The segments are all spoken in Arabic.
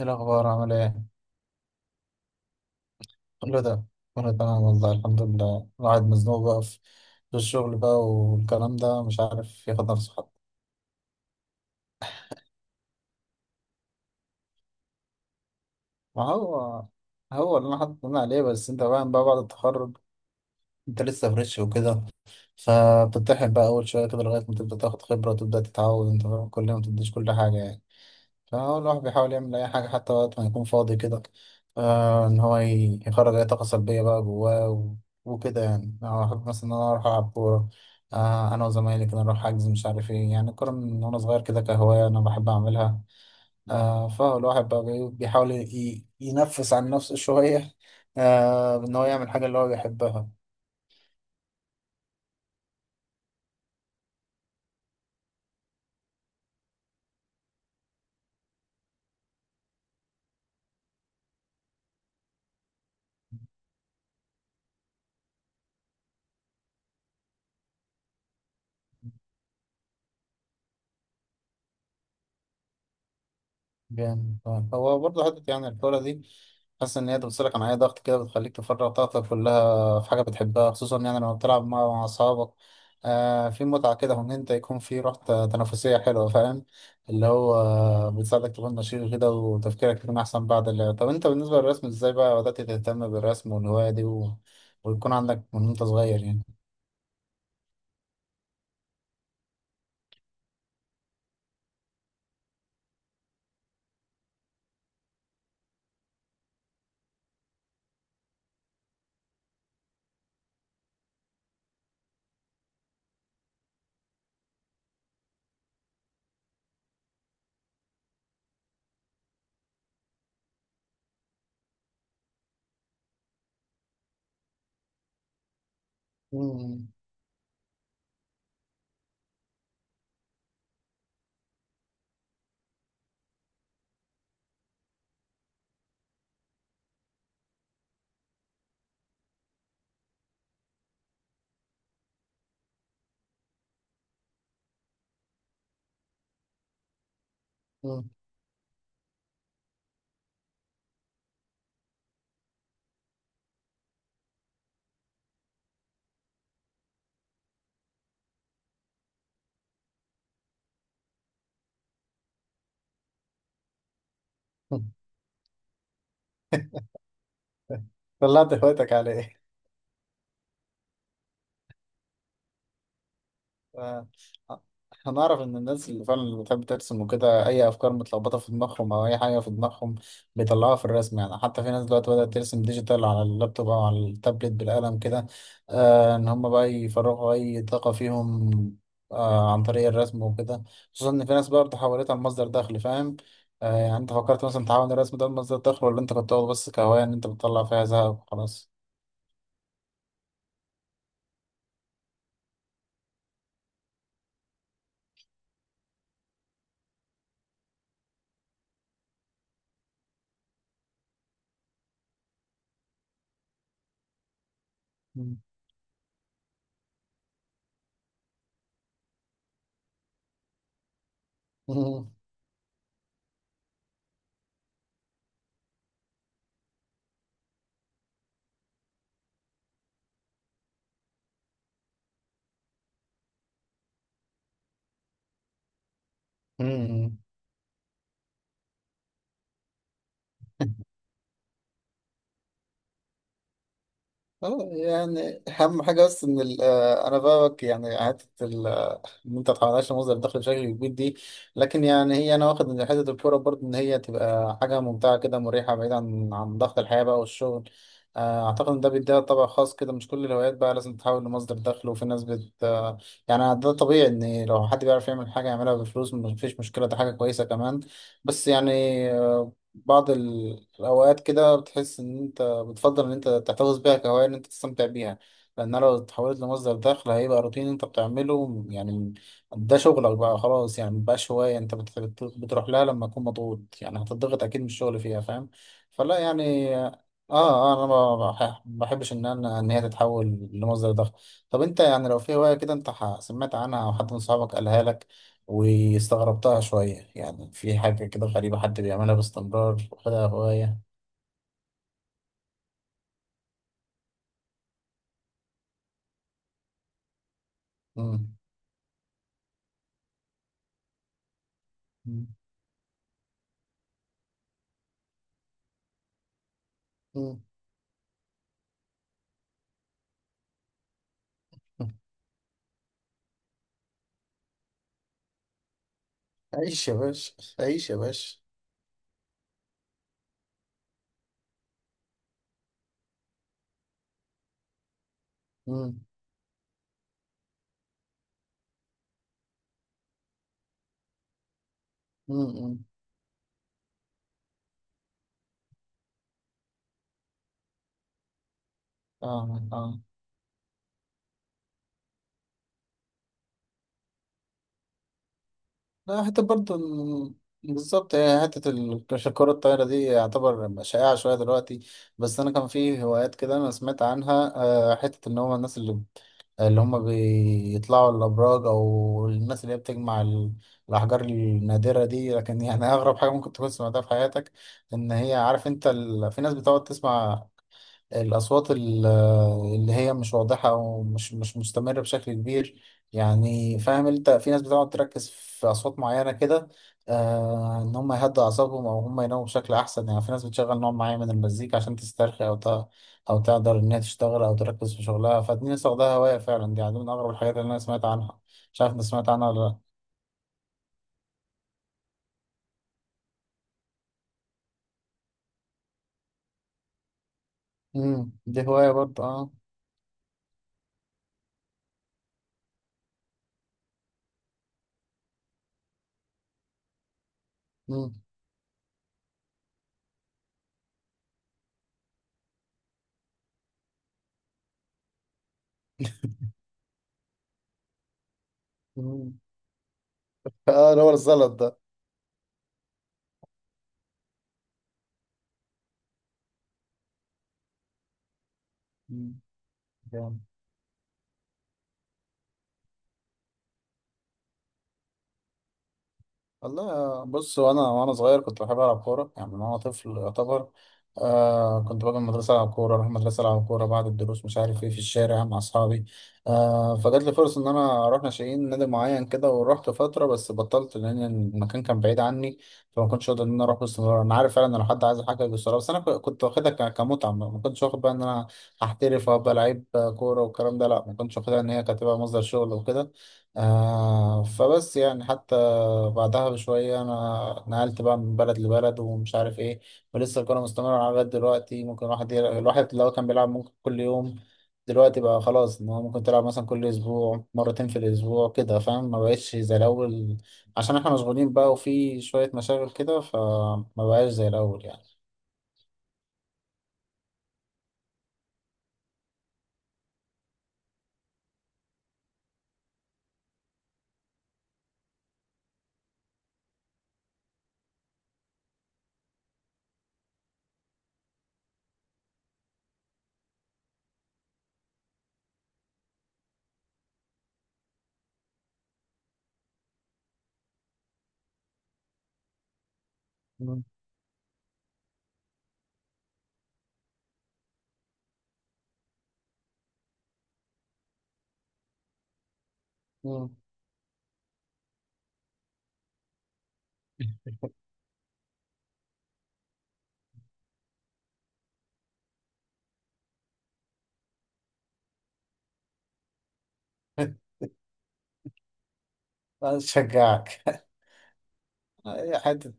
ايه الأخبار؟ عامل ايه؟ كله ده. كله تمام والله، الحمد لله. الواحد مزنوق بقى في الشغل بقى والكلام ده، مش عارف ياخد نفسه حتى. ما هو اللي انا حاطط عليه، بس انت فاهم بقى، بعد التخرج انت لسه فريش وكده، فبتتحب بقى اول شوية كده لغاية ما تبدأ تاخد خبرة وتبدأ تتعود. انت فاهم، كل يوم ما تديش كل حاجة يعني. فهو الواحد بيحاول يعمل أي حاجة حتى وقت ما يكون فاضي كده، آه، إن هو يخرج أي طاقة سلبية بقى جواه وكده. يعني أنا بحب مثلا إن أنا أروح ألعب كورة. آه، أنا وزمايلي كده نروح حجز، مش عارف إيه. يعني الكورة من وأنا صغير كده كهواية أنا بحب أعملها. آه، فهو الواحد بقى بيحاول ينفس عن نفسه شوية، آه، إن هو يعمل حاجة اللي هو بيحبها. جامد آه. هو برضه حتة، يعني الكورة دي حاسس إن هي بتفصلك عن أي ضغط كده، بتخليك تفرغ طاقتك كلها في حاجة بتحبها، خصوصا يعني لما بتلعب مع أصحابك. آه، في متعة كده، وإن أنت يكون في روح تنافسية حلوة، فاهم؟ اللي هو بتساعدك تكون نشيط كده وتفكيرك يكون أحسن بعد اللعب. طب أنت بالنسبة للرسم إزاي بقى بدأت تهتم بالرسم والهواية دي، ويكون عندك من وأنت صغير يعني؟ مم. مم. طلعت هوايتك على إيه؟ ف- هنعرف ان الناس اللي فعلا اللي بتحب ترسم وكده، اي افكار متلخبطه في دماغهم او اي حاجه في دماغهم بيطلعوها في الرسم. يعني حتى في ناس دلوقتي بدات ترسم ديجيتال على اللابتوب او على التابلت بالقلم كده، آه، ان هم بقى يفرغوا اي طاقه فيهم، آه، عن طريق الرسم وكده. خصوصا ان في ناس برضه حولتها لمصدر دخل، فاهم؟ آه، يعني انت فكرت مثلا تحول الرسم ده لمصدر دخل، ولا انت كنت واخده بس كهوايه، ان انت بتطلع فيها زهق وخلاص؟ مم. مم. اه، يعني اهم حاجه، بس ان انا فاهمك. يعني حته ان انت تتعاملش مصدر دخل بشكل كبير دي. لكن يعني هي انا واخد ان حته الكوره برضه، ان هي تبقى حاجه ممتعه كده، مريحه، بعيد عن ضغط الحياه بقى والشغل. آه، اعتقد ان ده بيديها طابع خاص كده، مش كل الهوايات بقى لازم تحول لمصدر دخل. وفي ناس بت آه، يعني ده طبيعي، ان لو حد بيعرف يعمل حاجه يعملها بفلوس مفيش مشكله، ده حاجه كويسه كمان. بس يعني آه، بعض الأوقات كده بتحس إن أنت بتفضل ان انت تحتفظ بيها كهواية، ان انت تستمتع بيها. لان لو اتحولت لمصدر دخل هيبقى روتين انت بتعمله يعني، ده شغلك بقى خلاص يعني مبقاش هواية. انت بتروح لها لما تكون مضغوط، يعني هتضغط اكيد من الشغل فيها، فاهم؟ فلا يعني اه، اه، انا ما بحبش ان انا ان هي تتحول لمصدر دخل. طب انت يعني لو في هواية كده انت سمعت عنها او حد من صحابك قالها لك واستغربتها شوية، يعني في حاجة كده غريبة حد بيعملها باستمرار وخدها هواية؟ مم. مم. عيش يا باشا. عيش يا باشا. مم. مم. مم. اه، اه. لا، حتى برضه بالظبط هي حتة الكرة الطايرة دي يعتبر شائعة شوية دلوقتي. بس أنا كان في هوايات كده أنا سمعت عنها، آه، حتة إن هما الناس اللي هما بيطلعوا الأبراج، أو الناس اللي هي بتجمع الأحجار النادرة دي. لكن يعني أغرب حاجة ممكن تكون سمعتها في حياتك، إن هي عارف أنت في ناس بتقعد تسمع الأصوات اللي هي مش واضحة ومش مش مستمرة بشكل كبير. يعني فاهم أنت في ناس بتقعد تركز في أصوات معينة كده، آه، إن هم يهدوا أعصابهم أو هم يناموا بشكل أحسن. يعني في ناس بتشغل نوع معين من المزيكا عشان تسترخي أو تقدر إنها تشتغل أو تركز في شغلها. فدي ناس واخداها هواية فعلا، دي يعني من أغرب الحاجات اللي أنا سمعت عنها. مش عارف أنت سمعت عنها ولا لأ؟ مم. دي هواية برضه أه. مم. مم. آه، اللي هو الزلط ده. مم. والله بص، وانا صغير كنت بحب العب كوره يعني من وانا طفل يعتبر. آه، كنت باجي من المدرسه العب كوره، اروح المدرسه العب كوره بعد الدروس، مش عارف ايه، في الشارع مع اصحابي. آه، فجات لي فرصه ان انا اروح ناشئين نادي معين كده ورحت فتره، بس بطلت لان المكان كان بعيد عني، فما كنتش اقدر ان انا اروح باستمرار. انا عارف فعلا ان لو حد عايز حاجه باستمرار، بس انا كنت واخدها كمتعه، ما كنتش واخد بقى ان انا هحترف وابقى لعيب كوره والكلام ده. لا، ما كنتش واخدها ان هي كانت تبقى مصدر شغل وكده. آه، فبس يعني حتى بعدها بشوية أنا نقلت بقى من بلد لبلد ومش عارف إيه. ولسه الكورة مستمرة لغاية دلوقتي. ممكن الواحد لو كان بيلعب ممكن كل يوم، دلوقتي بقى خلاص إن هو ممكن تلعب مثلا كل أسبوع، مرتين في الأسبوع كده، فاهم؟ ما بقتش زي الأول عشان إحنا مشغولين بقى وفي شوية مشاغل كده، فما بقاش زي الأول يعني. مم. مم. أشجعك. حتة.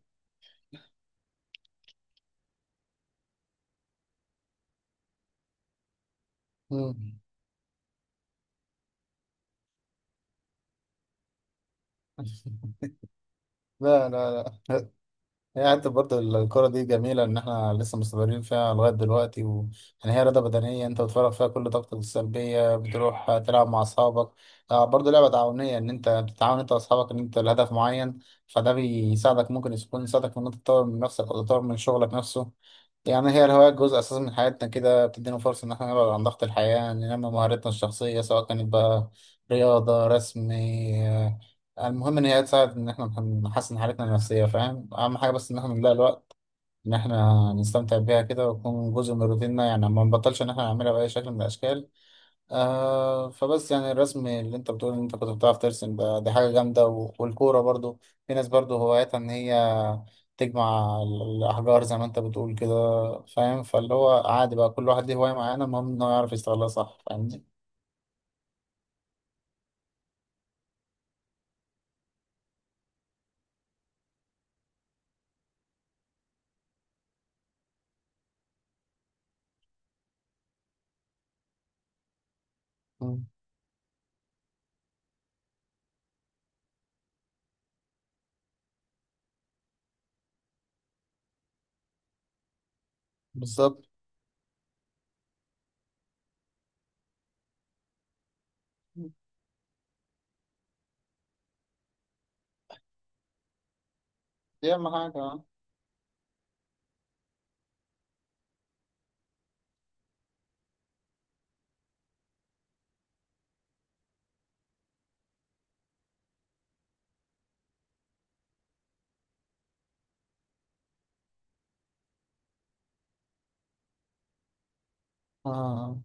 مم. لا، لا، لا. هي حتى برضه الكرة دي جميلة إن إحنا لسه مستمرين فيها لغاية دلوقتي يعني هي رياضة بدنية أنت بتفرغ فيها كل طاقتك السلبية، بتروح تلعب مع أصحابك. آه، برضه لعبة تعاونية، إن أنت بتتعاون أنت وأصحابك إن أنت لهدف معين. فده بيساعدك، ممكن يكون يساعدك إن أنت تطور من نفسك أو تطور من شغلك نفسه. يعني هي الهوايات جزء أساسي من حياتنا كده، بتدينا فرصة إن إحنا نبعد عن ضغط الحياة، ننمي مهاراتنا الشخصية، سواء كانت بقى رياضة، رسم، يعني المهم إن هي تساعد إن إحنا نحسن حالتنا النفسية، فاهم؟ أهم حاجة بس إن إحنا نلاقي الوقت إن إحنا نستمتع بيها كده، ويكون جزء من روتيننا، يعني ما نبطلش إن إحنا نعملها بأي شكل من الأشكال. آه، فبس يعني الرسم اللي أنت بتقول إن أنت كنت بتعرف ترسم ده، دي حاجة جامدة، والكورة برضو. في ناس برضو هواياتها إن هي تجمع الأحجار زي ما أنت بتقول كده. فاهم، فاللي هو عادي بقى، كل واحد ليه هواية معينة، المهم إنه يعرف يستغلها صح، فاهمني؟ مم. بالظبط، دي أهم حاجة. آه.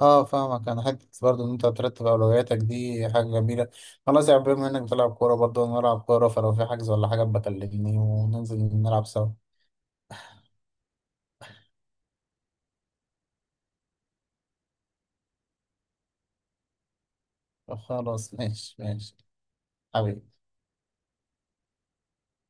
اه، فاهمك انا حته برضه ان انت ترتب اولوياتك، دي حاجه جميله. خلاص يا عم، بما انك بتلعب كوره برضه انا بلعب كوره، فلو في حجز ولا حاجه بكلمني وننزل نلعب سوا. خلاص ماشي ماشي. حبيبي.